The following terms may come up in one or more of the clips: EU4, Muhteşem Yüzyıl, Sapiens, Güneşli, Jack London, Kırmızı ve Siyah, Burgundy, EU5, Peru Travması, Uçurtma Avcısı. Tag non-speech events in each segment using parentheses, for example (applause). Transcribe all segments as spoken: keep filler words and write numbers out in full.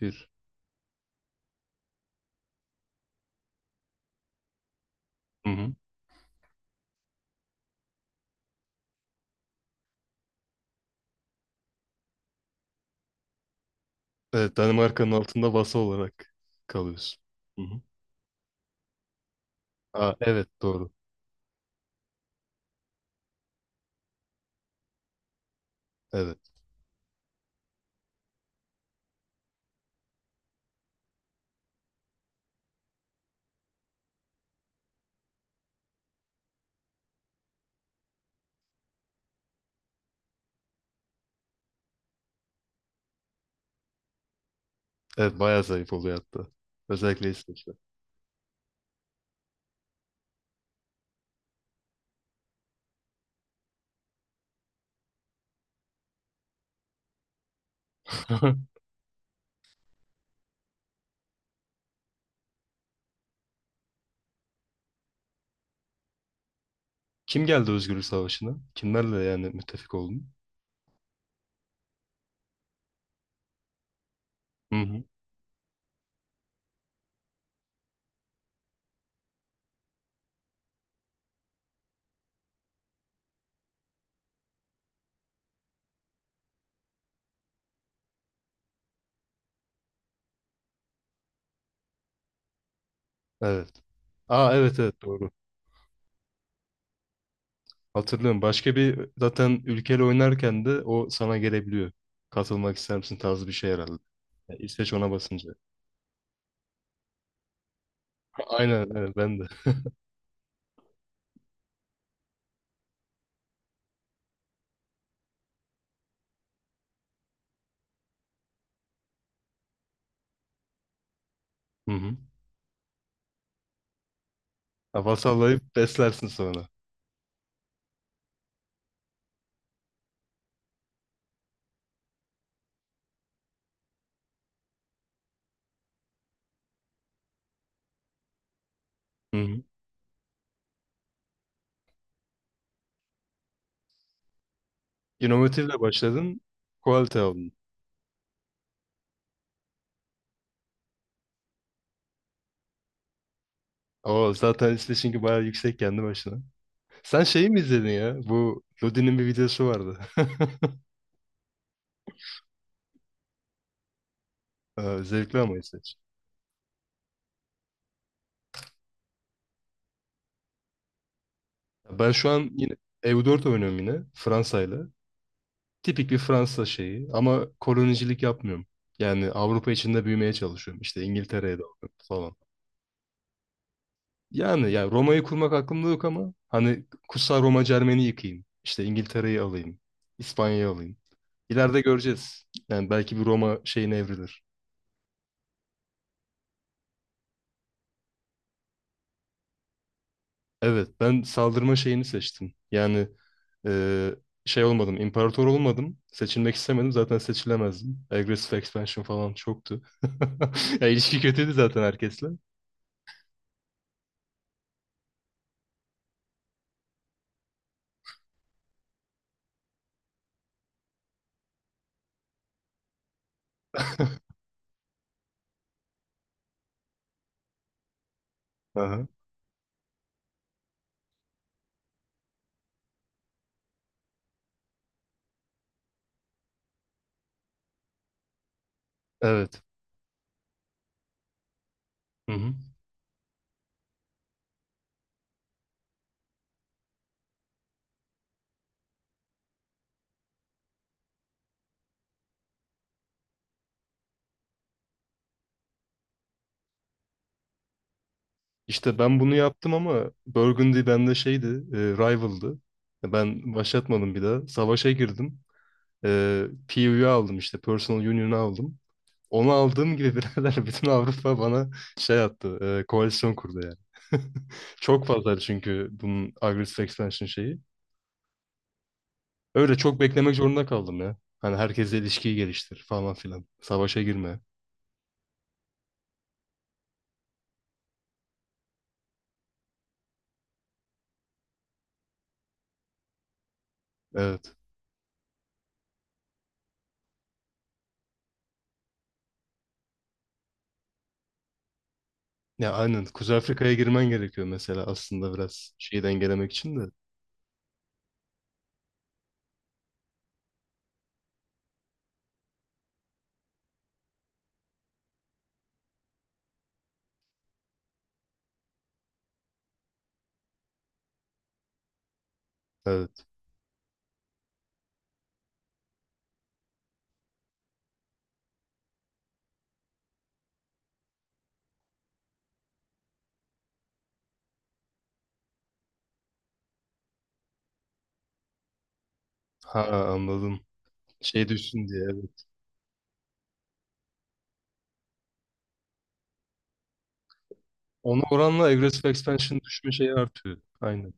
Bir. Hı hı. Evet, Danimarka'nın altında vasa olarak kalıyorsun. Hı hı. Aa, evet doğru. Evet. Evet bayağı zayıf oluyor hatta. Özellikle İsveç'te. (laughs) Kim geldi Özgürlük Savaşı'na? Kimlerle yani müttefik oldun? Hı hı. Evet. Aa evet evet doğru. Hatırlıyorum. Başka bir zaten ülkeyle oynarken de o sana gelebiliyor. Katılmak ister misin tarzı bir şey herhalde. Yani İsveç ona basınca. (laughs) Aynen evet ben de. Hı hı. Ha, vasallayıp beslersin sonra. Hı hı. İnovatifle başladın, quality aldın. O zaten işte çünkü bayağı yüksek kendi başına. Sen şeyi mi izledin ya? Bu Lodi'nin bir videosu vardı. (laughs) Ee, Zevkli ama izleyici. Ben şu an yine E U dört oynuyorum yine Fransa'yla. Tipik bir Fransa şeyi ama kolonicilik yapmıyorum. Yani Avrupa içinde büyümeye çalışıyorum. İşte İngiltere'ye de alıyorum falan. Yani, yani Roma'yı kurmak aklımda yok ama hani Kutsal Roma Cermeni yıkayım. İşte İngiltere'yi alayım. İspanya'yı alayım. İleride göreceğiz. Yani belki bir Roma şeyine evrilir. Evet, ben saldırma şeyini seçtim. Yani eee, şey olmadım, imparator olmadım. Seçilmek istemedim. Zaten seçilemezdim. Aggressive expansion falan çoktu. (laughs) Ya ilişki kötüydü zaten herkesle. (laughs) Aha. Evet. Hı hı. İşte ben bunu yaptım ama Burgundy bende şeydi, e, rival'dı. Ben başlatmadım bir daha. Savaşa girdim. E, P U'yu aldım işte, Personal Union'u aldım. Onu aldığım gibi (laughs) birader bütün Avrupa bana şey attı. e, koalisyon kurdu yani. (laughs) Çok fazla çünkü bunun agresif expansion şeyi. Öyle çok beklemek zorunda kaldım ya. Hani herkesle ilişkiyi geliştir falan filan. Savaşa girme. Evet. Ya aynen. Kuzey Afrika'ya girmen gerekiyor mesela aslında biraz şeyi dengelemek için de. Evet. Ha, anladım. Şey düşsün diye, evet. Ona oranla agresif expansion düşme şeyi artıyor. Aynen.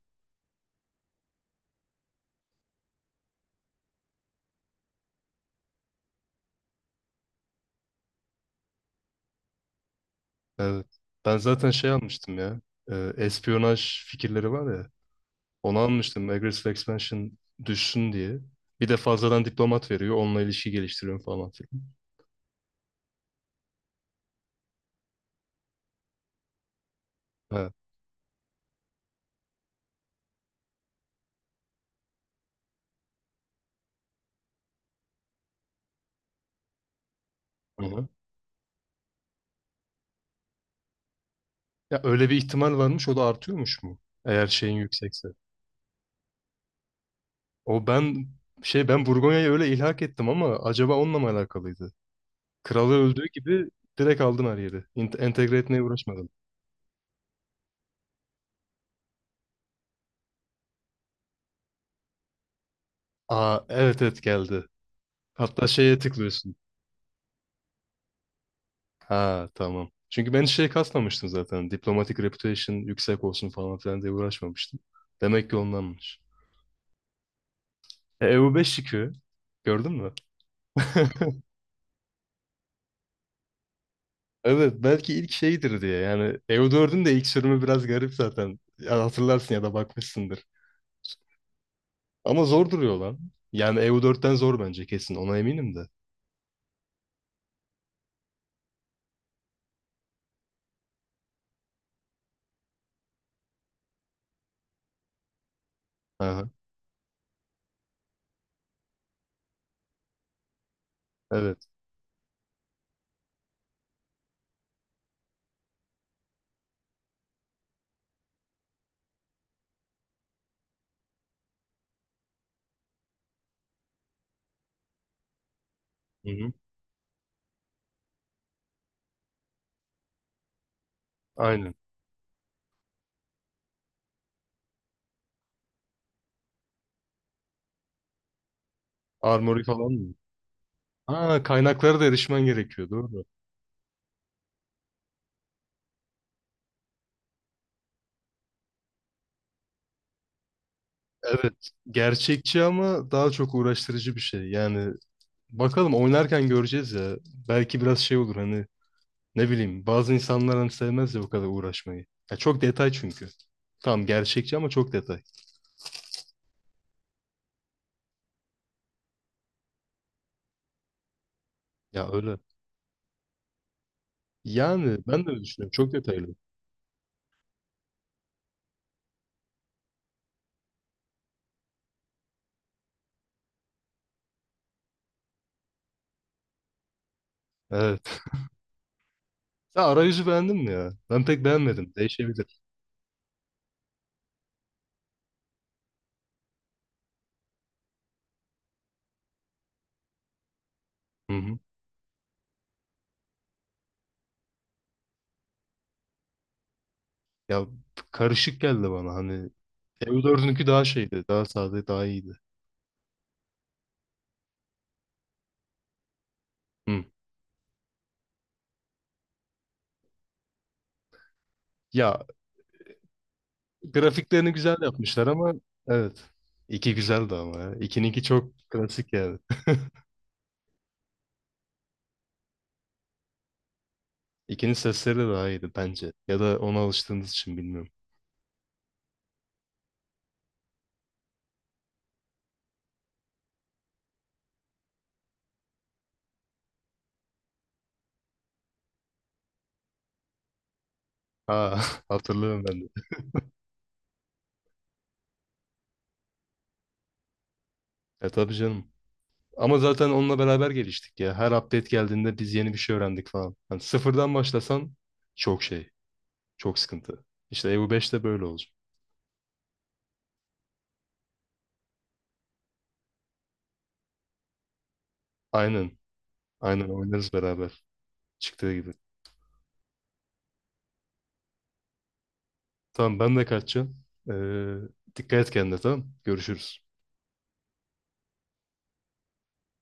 Evet. Ben zaten şey almıştım ya. E, espiyonaj fikirleri var ya. Onu almıştım, Aggressive Expansion düşsün diye. Bir de fazladan diplomat veriyor. Onunla ilişki geliştiriyorum falan filan. Ha. Hı-hı. Ya öyle bir ihtimal varmış. O da artıyormuş mu? Eğer şeyin yüksekse. O ben şey ben Burgonya'yı öyle ilhak ettim ama acaba onunla mı alakalıydı? Kralı öldüğü gibi direkt aldım her yeri. İnt- entegre etmeye uğraşmadım. Aa, evet evet geldi. Hatta şeye tıklıyorsun. Ha, tamam. Çünkü ben hiç şey kasmamıştım zaten. Diplomatic reputation yüksek olsun falan filan diye uğraşmamıştım. Demek ki ondanmış. E, EU5 çıkıyor. Gördün mü? (laughs) Evet, belki ilk şeydir diye. Yani E U dördün de ilk sürümü biraz garip zaten. Ya hatırlarsın ya da bakmışsındır. Ama zor duruyor lan. Yani E U dörtten zor bence, kesin. Ona eminim de. Aha, evet. Hı hı. Aynen. Armory falan mı? Aa, kaynaklara da erişmen gerekiyor. Doğru. Evet. Gerçekçi ama daha çok uğraştırıcı bir şey. Yani bakalım, oynarken göreceğiz ya. Belki biraz şey olur hani. Ne bileyim, bazı insanlar hani sevmez ya bu kadar uğraşmayı. Ya çok detay çünkü. Tamam, gerçekçi ama çok detay. Ya öyle. Yani ben de öyle düşünüyorum. Çok detaylı. Evet. (laughs) Sen arayüzü beğendin mi ya? Ben pek beğenmedim. Değişebilir. Hı hı. Ya, karışık geldi bana hani. E U dördünkü daha şeydi. Daha sade, daha iyiydi. Hı. Ya grafiklerini güzel yapmışlar ama, evet. İki güzeldi ama ya. İkininki çok klasik yani. (laughs) İkinin sesleri de daha iyiydi bence. Ya da ona alıştığınız için bilmiyorum. Ha, (laughs) hatırlıyorum ben de. E tabii canım. Ama zaten onunla beraber geliştik ya. Her update geldiğinde biz yeni bir şey öğrendik falan. Hani sıfırdan başlasan çok şey, çok sıkıntı. İşte E U beş de böyle olacak. Aynen, aynen oynarız beraber. Çıktığı gibi. Tamam, ben de kaçacağım. Ee, dikkat et kendine, tamam. Görüşürüz.